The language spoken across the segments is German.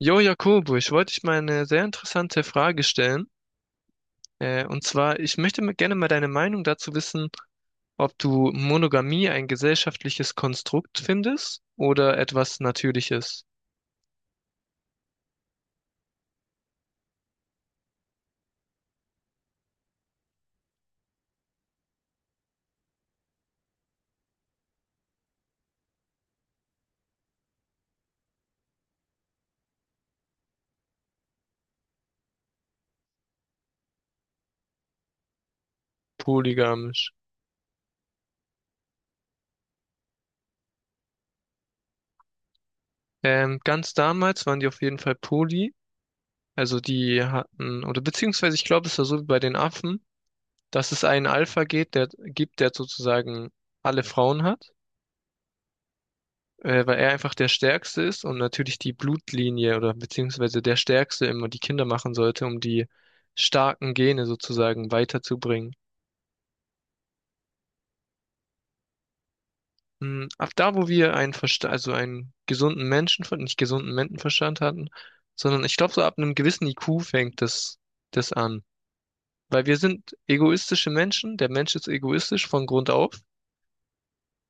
Jo, Jakobo, ich wollte dich mal eine sehr interessante Frage stellen. Und zwar, ich möchte mal gerne mal deine Meinung dazu wissen, ob du Monogamie ein gesellschaftliches Konstrukt findest oder etwas Natürliches, polygamisch. Ganz damals waren die auf jeden Fall poly, also die hatten, oder beziehungsweise ich glaube, es war so wie bei den Affen, dass es einen Alpha geht, der gibt, der sozusagen alle Frauen hat. Weil er einfach der Stärkste ist und natürlich die Blutlinie oder beziehungsweise der Stärkste immer die Kinder machen sollte, um die starken Gene sozusagen weiterzubringen. Ab da, wo wir einen Versta also einen gesunden Menschenverstand, nicht gesunden Menschenverstand hatten, sondern ich glaube, so ab einem gewissen IQ fängt das an. Weil wir sind egoistische Menschen, der Mensch ist egoistisch von Grund auf,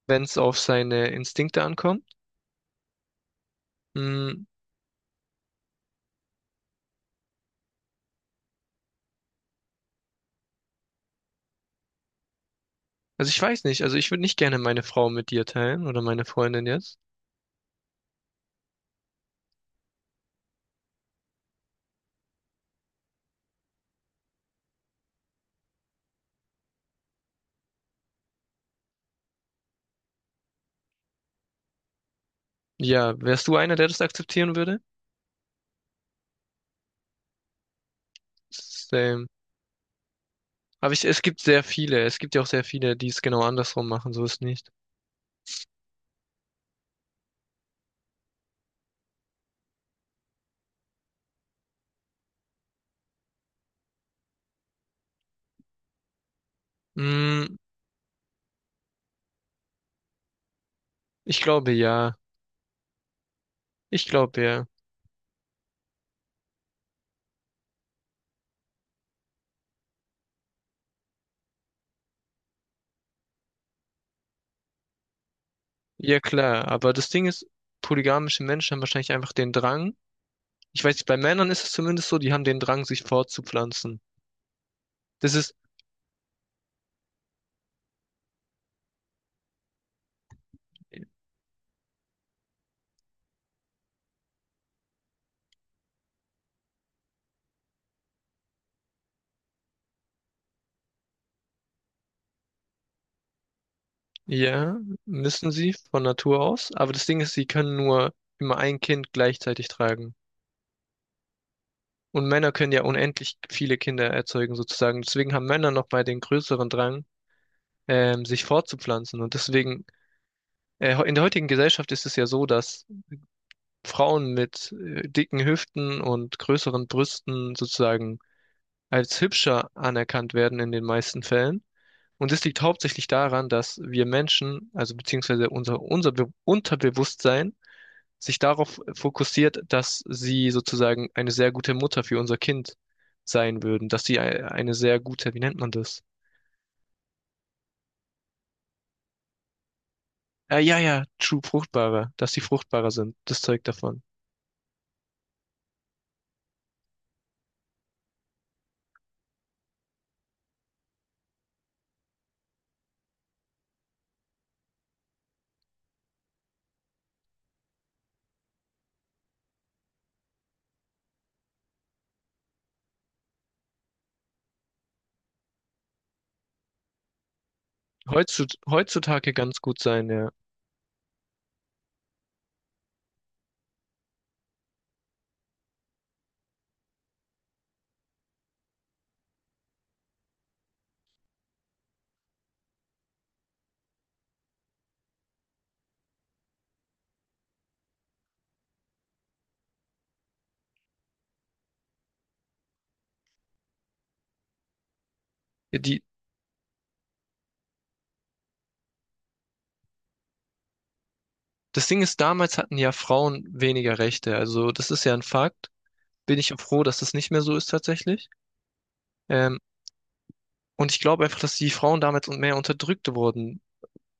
wenn es auf seine Instinkte ankommt. Mm. Also ich weiß nicht, also ich würde nicht gerne meine Frau mit dir teilen oder meine Freundin jetzt. Ja, wärst du einer, der das akzeptieren würde? Same. Aber ich, es gibt sehr viele. Es gibt ja auch sehr viele, die es genau andersrum machen. So ist nicht. Mm, ich glaube ja. Ich glaube ja. Ja, klar. Aber das Ding ist, polygamische Menschen haben wahrscheinlich einfach den Drang. Ich weiß nicht, bei Männern ist es zumindest so, die haben den Drang, sich fortzupflanzen. Das ist, ja, müssen sie von Natur aus. Aber das Ding ist, sie können nur immer ein Kind gleichzeitig tragen. Und Männer können ja unendlich viele Kinder erzeugen, sozusagen. Deswegen haben Männer noch mal den größeren Drang, sich fortzupflanzen. Und deswegen, in der heutigen Gesellschaft ist es ja so, dass Frauen mit dicken Hüften und größeren Brüsten sozusagen als hübscher anerkannt werden in den meisten Fällen. Und das liegt hauptsächlich daran, dass wir Menschen, also beziehungsweise unser Be Unterbewusstsein, sich darauf fokussiert, dass sie sozusagen eine sehr gute Mutter für unser Kind sein würden, dass sie eine sehr gute, wie nennt man das? Ja, true, dass sie fruchtbarer sind, das zeugt davon. Heutzutage ganz gut sein, ja. Ja, die, das Ding ist, damals hatten ja Frauen weniger Rechte, also das ist ja ein Fakt. Bin ich ja froh, dass das nicht mehr so ist tatsächlich. Ähm, und ich glaube einfach, dass die Frauen damals und mehr unterdrückt wurden.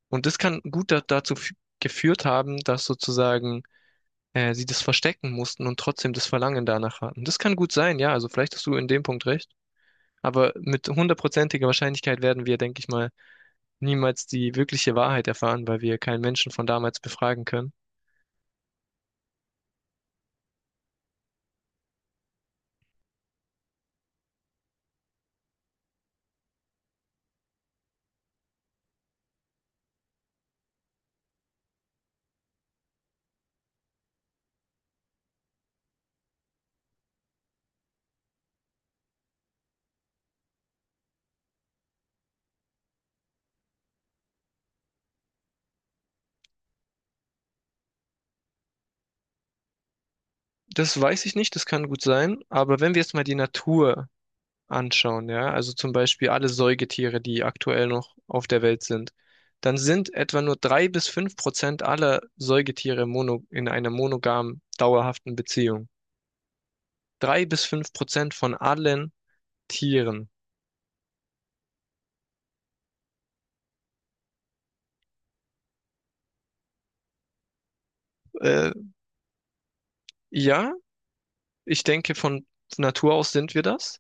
Und das kann gut da dazu geführt haben, dass sozusagen sie das verstecken mussten und trotzdem das Verlangen danach hatten. Das kann gut sein, ja, also vielleicht hast du in dem Punkt recht. Aber mit hundertprozentiger Wahrscheinlichkeit werden wir, denke ich mal, niemals die wirkliche Wahrheit erfahren, weil wir keinen Menschen von damals befragen können. Das weiß ich nicht, das kann gut sein. Aber wenn wir jetzt mal die Natur anschauen, ja, also zum Beispiel alle Säugetiere, die aktuell noch auf der Welt sind, dann sind etwa nur drei bis fünf Prozent aller Säugetiere mono, in einer monogamen, dauerhaften Beziehung. Drei bis fünf Prozent von allen Tieren. Äh, ja, ich denke, von Natur aus sind wir das.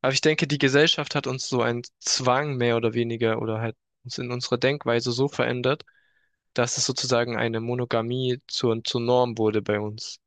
Aber ich denke, die Gesellschaft hat uns so einen Zwang mehr oder weniger oder halt uns in unserer Denkweise so verändert, dass es sozusagen eine Monogamie zur Norm wurde bei uns.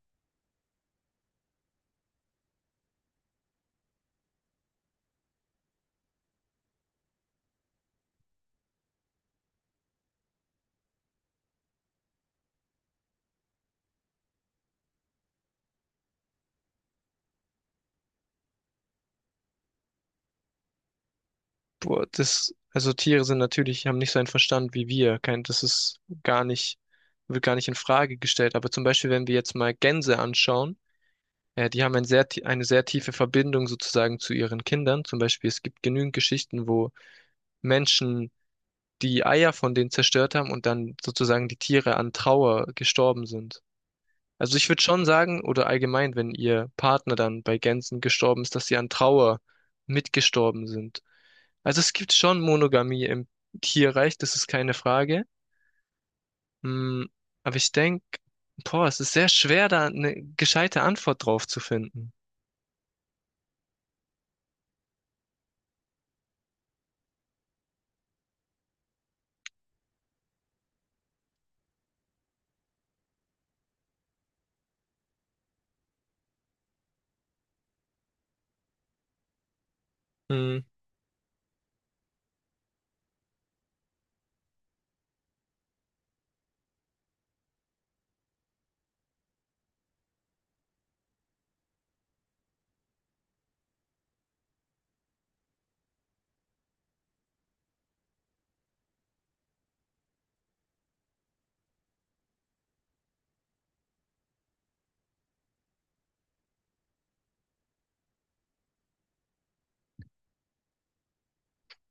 Boah, das, also Tiere sind natürlich, haben nicht so einen Verstand wie wir. Kein, das ist gar nicht, wird gar nicht in Frage gestellt. Aber zum Beispiel, wenn wir jetzt mal Gänse anschauen, die haben ein eine sehr tiefe Verbindung sozusagen zu ihren Kindern. Zum Beispiel, es gibt genügend Geschichten, wo Menschen die Eier von denen zerstört haben und dann sozusagen die Tiere an Trauer gestorben sind. Also ich würde schon sagen, oder allgemein, wenn ihr Partner dann bei Gänsen gestorben ist, dass sie an Trauer mitgestorben sind. Also es gibt schon Monogamie im Tierreich, das ist keine Frage. Mm, aber ich denke, boah, es ist sehr schwer, da eine gescheite Antwort drauf zu finden. Mm.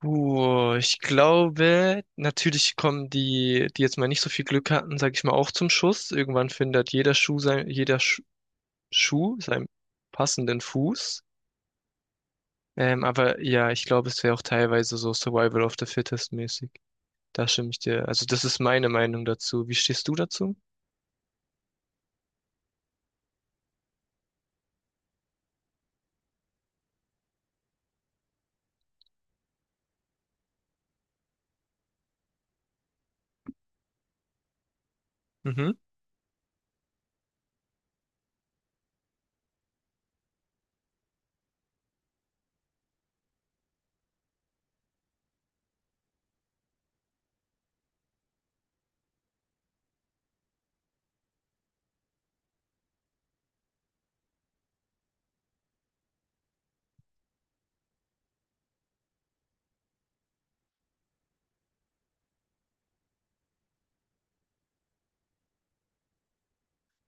Ich glaube, natürlich kommen die, die jetzt mal nicht so viel Glück hatten, sag ich mal, auch zum Schuss. Irgendwann findet jeder Schuh seinen passenden Fuß. Aber ja, ich glaube, es wäre auch teilweise so Survival of the Fittest mäßig. Da stimme ich dir. Also das ist meine Meinung dazu. Wie stehst du dazu? Mhm.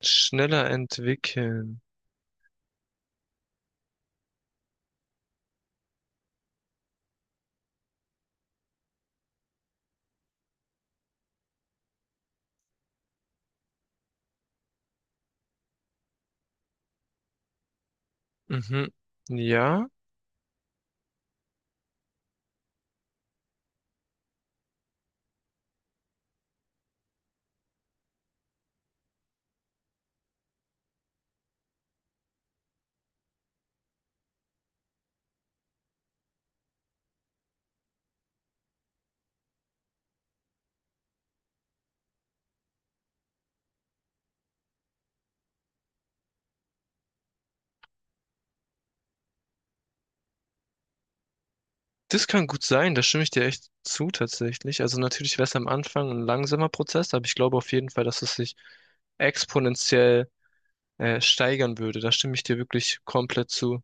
Schneller entwickeln. Mhm. Ja. Das kann gut sein, da stimme ich dir echt zu tatsächlich. Also natürlich wäre es am Anfang ein langsamer Prozess, aber ich glaube auf jeden Fall, dass es sich exponentiell steigern würde. Da stimme ich dir wirklich komplett zu.